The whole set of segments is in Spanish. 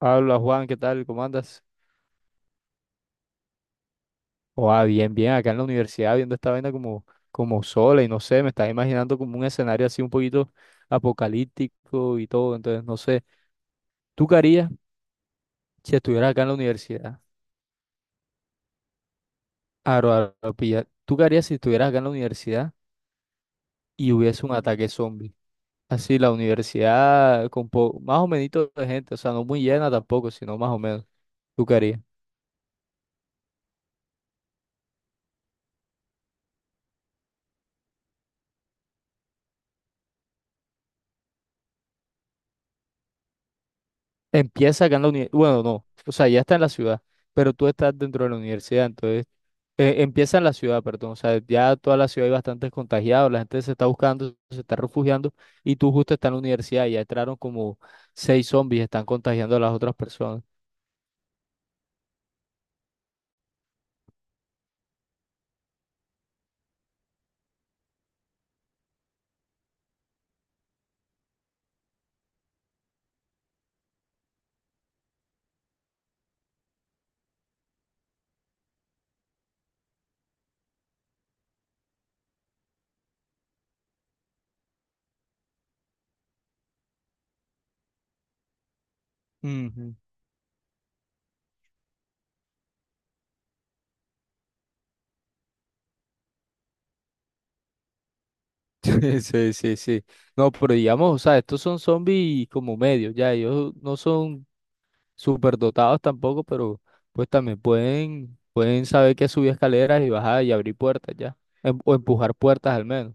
Habla Juan, ¿qué tal? ¿Cómo andas? Oh, Bien, bien, acá en la universidad viendo esta vaina como, como sola y no sé, me estás imaginando como un escenario así un poquito apocalíptico y todo, entonces no sé. ¿Tú qué harías si estuvieras acá en la universidad? Aro, aro, aro, pilla. ¿Tú qué harías si estuvieras acá en la universidad y hubiese un ataque zombie? Así, la universidad con más o menos de gente, o sea, no muy llena tampoco, sino más o menos. ¿Tú qué harías? Empieza acá en la universidad, bueno, no, o sea, ya está en la ciudad, pero tú estás dentro de la universidad, entonces empieza en la ciudad, perdón, o sea, ya toda la ciudad hay bastantes contagiados, la gente se está buscando, se está refugiando y tú justo estás en la universidad y ya entraron como 6 zombies, están contagiando a las otras personas. Ujú. Sí, sí, sí. No, pero digamos, o sea, estos son zombies como medios, ya, ellos no son súper dotados tampoco, pero pues también pueden, pueden saber que subir escaleras y bajar y abrir puertas ya, o empujar puertas al menos.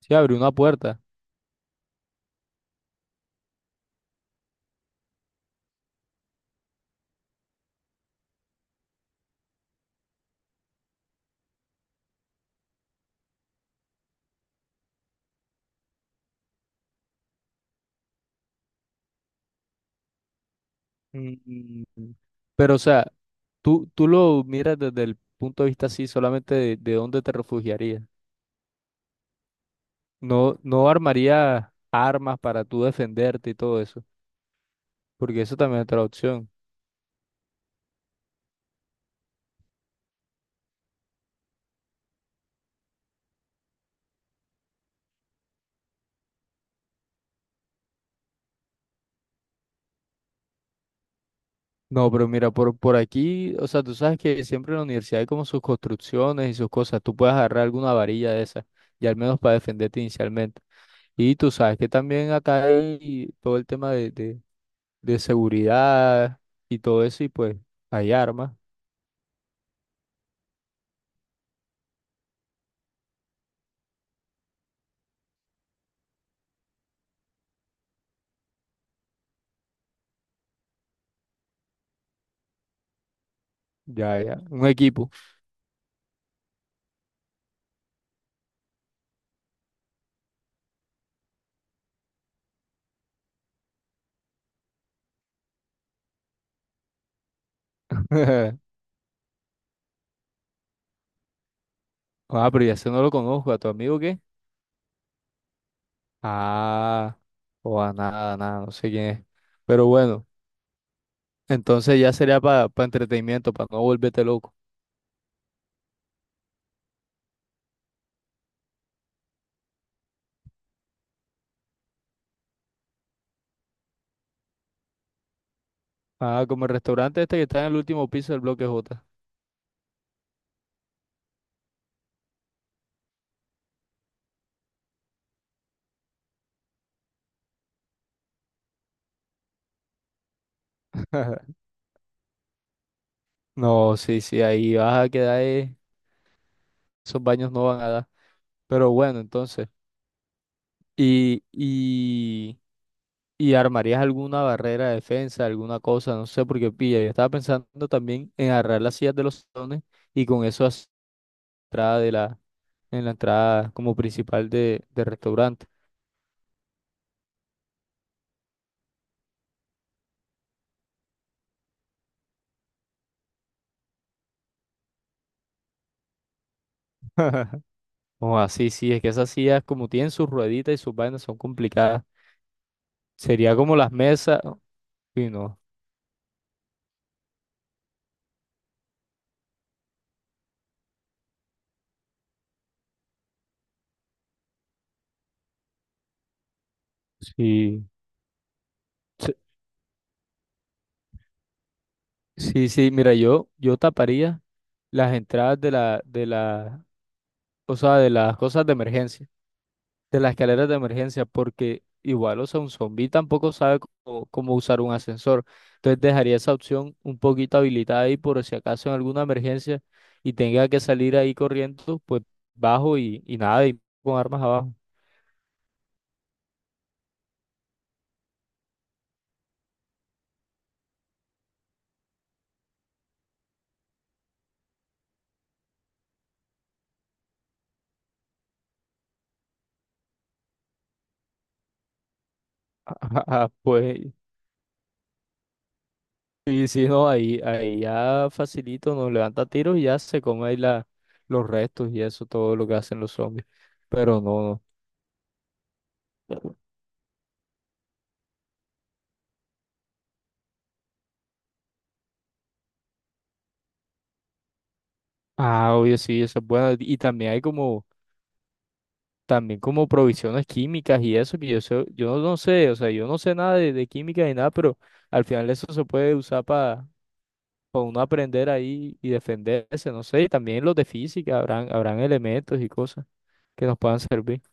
Sí, abrir una puerta. Mm. Pero o sea, tú lo miras desde el punto de vista así, solamente de dónde te refugiarías. No, no armarías armas para tú defenderte y todo eso, porque eso también es otra opción. No, pero mira, por aquí, o sea, tú sabes que siempre en la universidad hay como sus construcciones y sus cosas. Tú puedes agarrar alguna varilla de esas, y al menos para defenderte inicialmente. Y tú sabes que también acá hay todo el tema de seguridad y todo eso, y pues hay armas, ya, ya, un equipo. Ah, pero ya ese no lo conozco, ¿a tu amigo qué? Ah, o a nada, nada, no sé quién es. Pero bueno, entonces ya sería para entretenimiento, para no volverte loco. Ah, como el restaurante este que está en el último piso del bloque J. No, sí, sí, ahí vas a quedar, esos baños no van a dar. Pero bueno, entonces, y, y, y armarías alguna barrera de defensa, alguna cosa, no sé, porque pilla, yo estaba pensando también en agarrar las sillas de los salones y con eso hacer la entrada de en la entrada como principal de, del restaurante. O así, sí, es que esas sillas como tienen sus rueditas y sus vainas son complicadas. Sería como las mesas, y no, sí. Sí, sí, mira, yo taparía las entradas de o sea, de las cosas de emergencia, de las escaleras de emergencia, porque igual, o sea, un zombi tampoco sabe cómo, cómo usar un ascensor. Entonces dejaría esa opción un poquito habilitada ahí por si acaso en alguna emergencia y tenga que salir ahí corriendo, pues bajo y nada, y con armas abajo. Ajá, pues y si no, ahí, ahí ya facilito, nos levanta tiros y ya se come ahí los restos y eso, todo lo que hacen los zombies. Pero no, no. Ah, obvio, sí, eso es bueno. Y también hay como, también como provisiones químicas y eso, que yo sé, yo no sé, o sea, yo no sé nada de, de química ni nada, pero al final eso se puede usar para uno aprender ahí y defenderse, no sé, y también los de física, habrán, habrán elementos y cosas que nos puedan servir.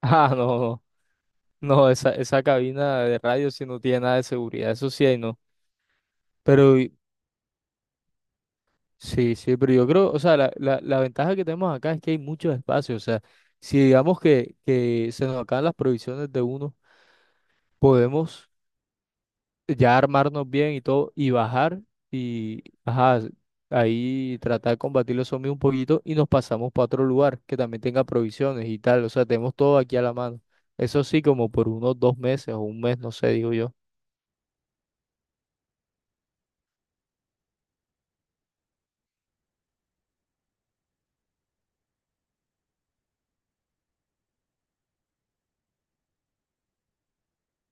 Ah, no, no. No, esa cabina de radio sí no tiene nada de seguridad, eso sí hay no. Pero sí, sí, pero yo creo, o sea, la ventaja que tenemos acá es que hay muchos espacios, o sea, si digamos que se nos acaban las provisiones de uno, podemos ya armarnos bien y todo, y bajar y, ajá, ahí tratar de combatir los zombies un poquito y nos pasamos para otro lugar que también tenga provisiones y tal, o sea, tenemos todo aquí a la mano. Eso sí, como por unos 2 meses o un mes, no sé, digo yo.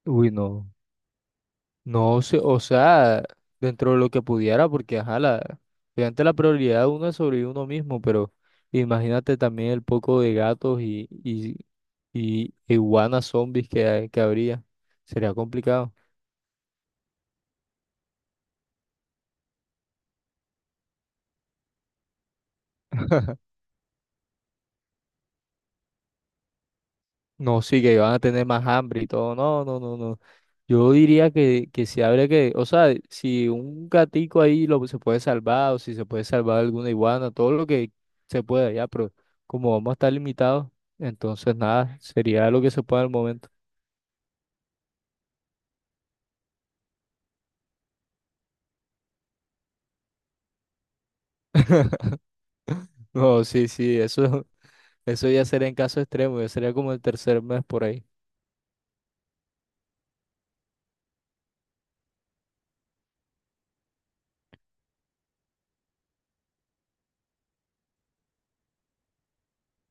Uy, no. No sé, o sea, dentro de lo que pudiera, porque ajá, la, obviamente la prioridad de uno es sobrevivir uno mismo, pero imagínate también el poco de gatos y iguanas zombies que habría. Sería complicado. No, sí, que van a tener más hambre y todo. No, no, no, no. Yo diría que si habría que, o sea, si un gatico ahí lo se puede salvar o si se puede salvar alguna iguana, todo lo que se pueda ya, pero como vamos a estar limitados, entonces nada, sería lo que se pueda al momento. No, sí, sí, eso ya sería en caso extremo, ya sería como el tercer mes por ahí.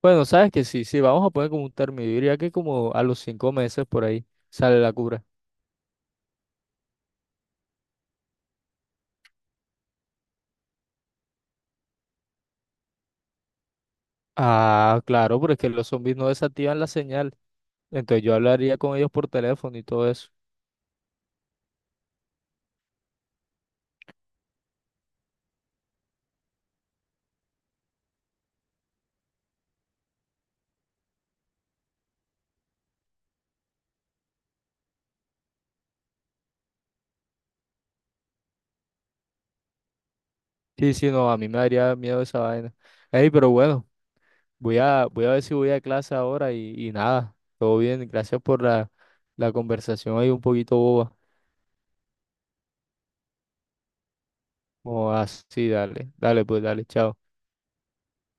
Bueno, sabes que sí, sí, vamos a poner como un término, yo diría que como a los 5 meses por ahí sale la cura. Ah, claro, porque los zombies no desactivan la señal, entonces yo hablaría con ellos por teléfono y todo eso. Sí, sí, no, a mí me daría miedo esa vaina. Ey, pero bueno, voy a ver si voy a clase ahora y nada, todo bien, gracias por la, la conversación ahí un poquito boba. Como así, dale, dale, pues dale, chao.